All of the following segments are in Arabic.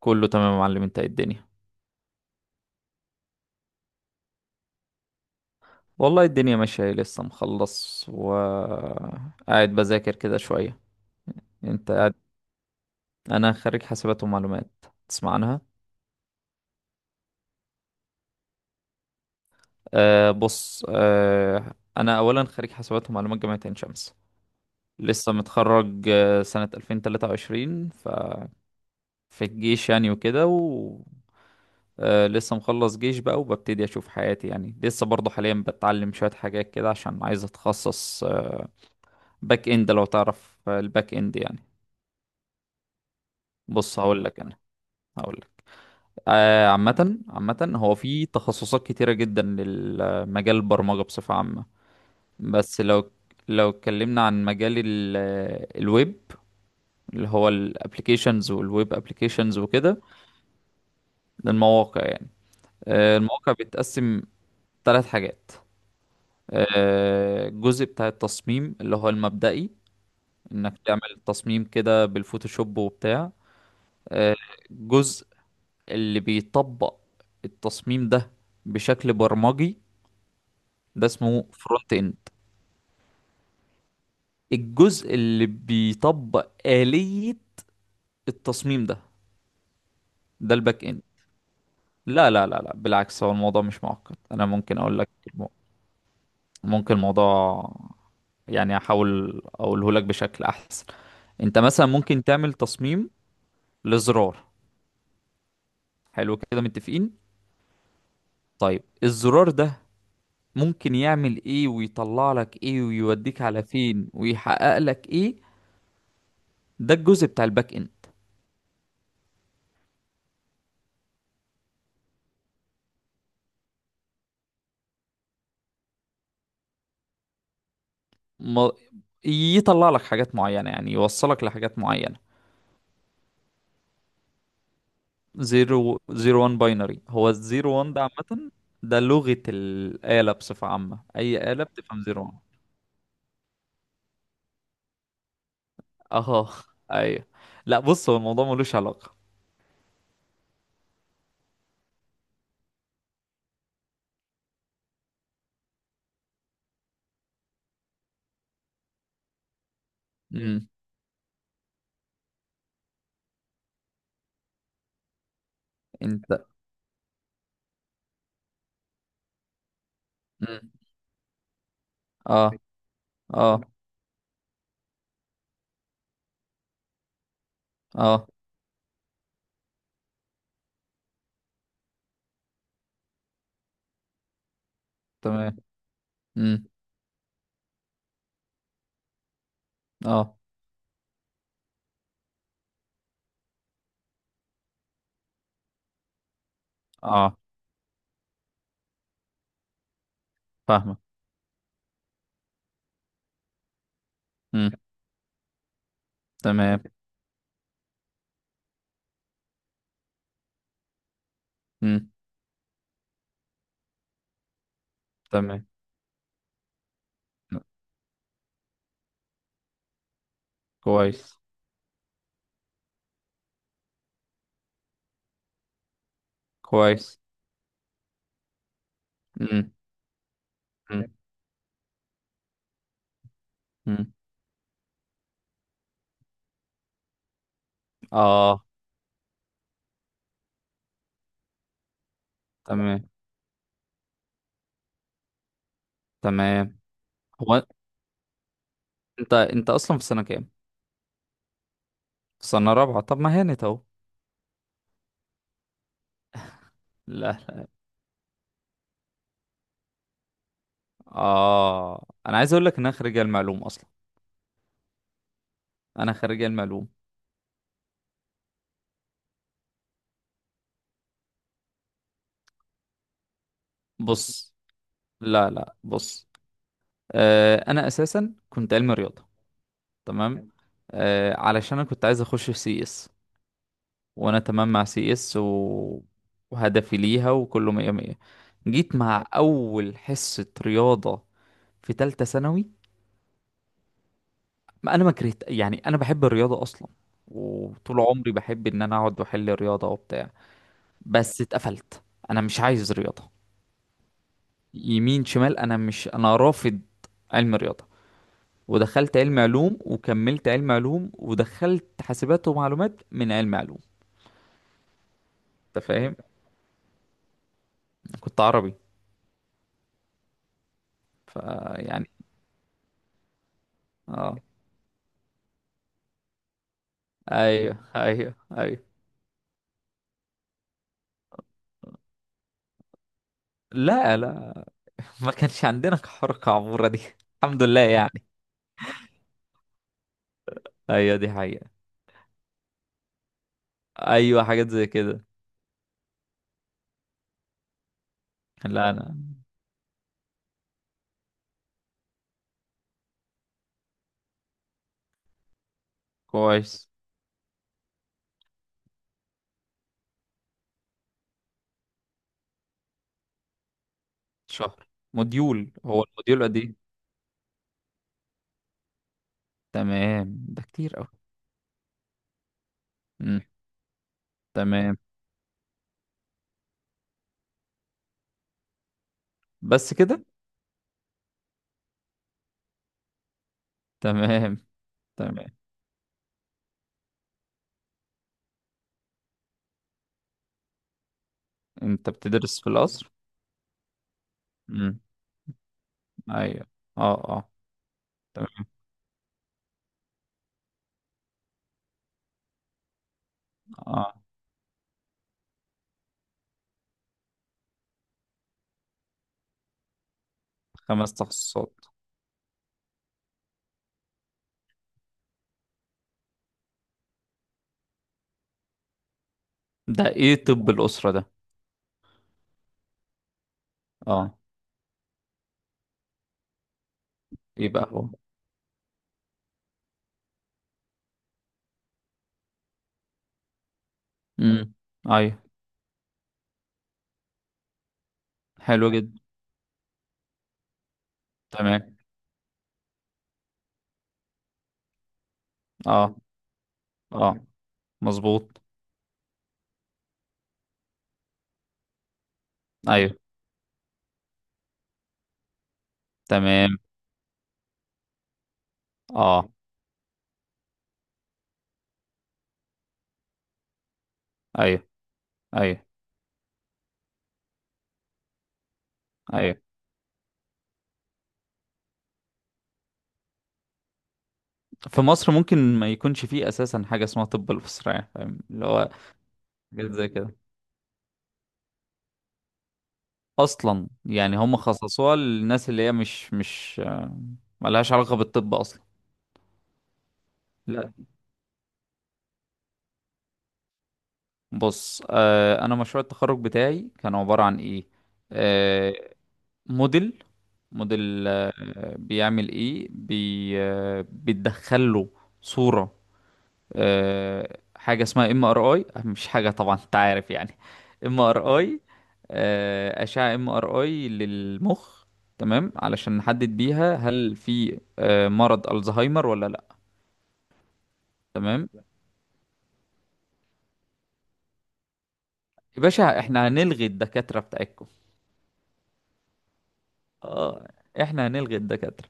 كله تمام يا معلم، انت ايه الدنيا؟ والله الدنيا ماشية ايه، لسه مخلص وقاعد بذاكر كده شوية. انت انا خريج حاسبات ومعلومات. تسمع عنها؟ بص، انا اولا خريج حاسبات ومعلومات جامعة عين شمس. لسه متخرج سنة 2023. ففي الجيش يعني وكده و لسه مخلص جيش بقى وببتدي اشوف حياتي يعني. لسه برضه حاليا بتعلم شوية حاجات كده عشان عايز اتخصص باك اند، لو تعرف. الباك اند يعني. بص هقول لك. عامة هو في تخصصات كتيرة جدا لمجال البرمجة بصفة عامة. بس لو اتكلمنا عن مجال الويب، اللي هو الابليكيشنز والويب ابليكيشنز وكده. ده المواقع يعني. المواقع بتتقسم 3 حاجات. الجزء بتاع التصميم اللي هو المبدئي. انك تعمل تصميم كده بالفوتوشوب وبتاع. آه، الجزء اللي بيطبق التصميم ده بشكل برمجي، ده اسمه فرونت اند. الجزء اللي بيطبق آلية التصميم ده، ده الباك اند. لا، لا، لا، لا، بالعكس، هو الموضوع مش معقد. انا ممكن اقول لك ممكن الموضوع، يعني احاول اقوله لك بشكل احسن. انت مثلا ممكن تعمل تصميم لزرار. حلو كده، متفقين. طيب، الزرار ده ممكن يعمل ايه، ويطلع لك ايه، ويوديك على فين، ويحقق لك ايه؟ ده الجزء بتاع الباك اند. ما، يطلع لك حاجات معينة، يعني يوصلك لحاجات معينة. زيرو زيرو وان، باينري، هو الزيرو وان ده عامة. ده لغة الآلة بصفة عامة، أي آلة بتفهم زيرو وان. اه. أيوه. لا، بص، هو الموضوع ملوش علاقة. امم. أنت. امم. اه. اه. اه. تمام. امم. اه. اه. فاهمة. امم. تمام. امم. تمام. كويس. كويس. امم. امم. أمم. اه. تمام. تمام. هو، انت اصلا في سنه كام؟ في سنه رابعه؟ طب ما هانت اهو. الاهل. اه، انا عايز اقول لك ان انا خريج المعلوم اصلا. انا خريج المعلوم. بص، لا، لا، بص، انا اساسا كنت علم رياضه. تمام. علشان انا كنت عايز اخش في سي اس. وانا تمام مع سي اس، وهدفي ليها، وكله مية مية. جيت مع اول حصه رياضه في تالتة ثانوي. ما انا ما كرهت يعني، انا بحب الرياضه اصلا. وطول عمري بحب ان انا اقعد واحل رياضه وبتاع. بس اتقفلت. انا مش عايز رياضه يمين شمال. انا مش انا رافض علم رياضه. ودخلت علم علوم، وكملت علم علوم، ودخلت حاسبات ومعلومات من علم علوم. انت فاهم؟ كنت عربي. فيعني، اه. ايوه، ايوه، ايوه. لا، لا، ما كانش عندنا حركه عموره دي. الحمد لله يعني. ايوه، دي حقيقه. ايوه، حاجات زي كده. لا، انا كويس. شهر. موديول. هو الموديول قد ايه؟ تمام، ده كتير قوي. تمام بس كده. تمام، تمام. انت بتدرس في القصر؟ امم. ايوه. اه. اه. تمام. اه. 5 تخصصات. ده ايه طب الأسرة ده؟ اه. يبقى هو. امم. ايوه. حلو جدا. تمام. اه. اه. مظبوط. ايوه. تمام. اه. ايوه، ايوه، ايوه. في مصر ممكن ما يكونش فيه اساسا حاجة اسمها طب الأسرة يعني. فاهم اللي هو؟ حاجات زي كده، اصلا يعني. هم خصصوها للناس اللي هي مش ملهاش علاقة بالطب اصلا. لا، بص، انا مشروع التخرج بتاعي كان عبارة عن ايه. آه موديل موديل، بيعمل ايه. بي آه بتدخل له صورة. حاجة اسمها MRI. مش حاجة طبعا، انت عارف يعني. MRI، أشعة MRI للمخ. تمام، علشان نحدد بيها هل في مرض الزهايمر ولا لا. تمام يا باشا، احنا هنلغي الدكاترة بتاعتكم. اه. احنا هنلغي الدكاترة.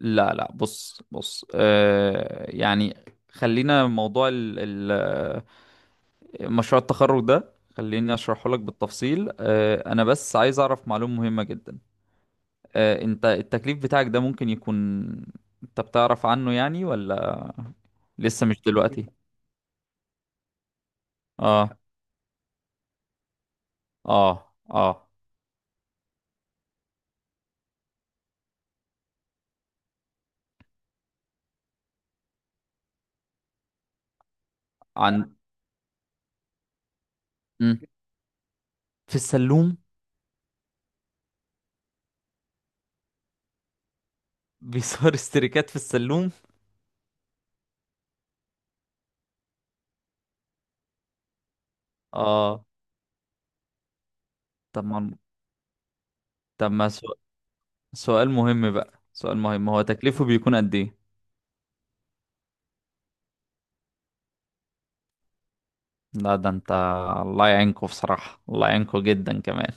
لا، لا، بص، بص، يعني خلينا موضوع ال مشروع التخرج ده، خليني اشرحه لك بالتفصيل. انا بس عايز اعرف معلومة مهمة جدا. انت التكليف بتاعك ده ممكن يكون، انت بتعرف عنه يعني، ولا لسه مش دلوقتي؟ اه. اه. اه. عن. مم. في السلوم. بيصور استريكات في السلوم. اه. طب ما طب ما سؤال مهم بقى، سؤال مهم، هو تكليفه بيكون قد ايه؟ لا ده انت. الله يعينكوا بصراحة، الله يعينكوا جدا كمان.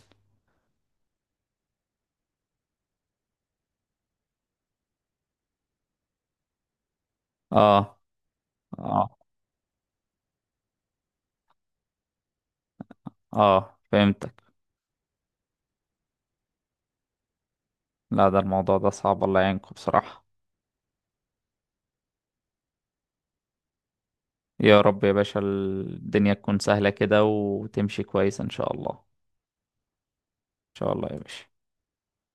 اه. اه. اه. فهمتك. لا، ده الموضوع ده صعب. الله يعينكوا بصراحة. يا رب يا باشا، الدنيا تكون سهلة كده وتمشي كويس ان شاء الله. ان شاء الله يا باشا.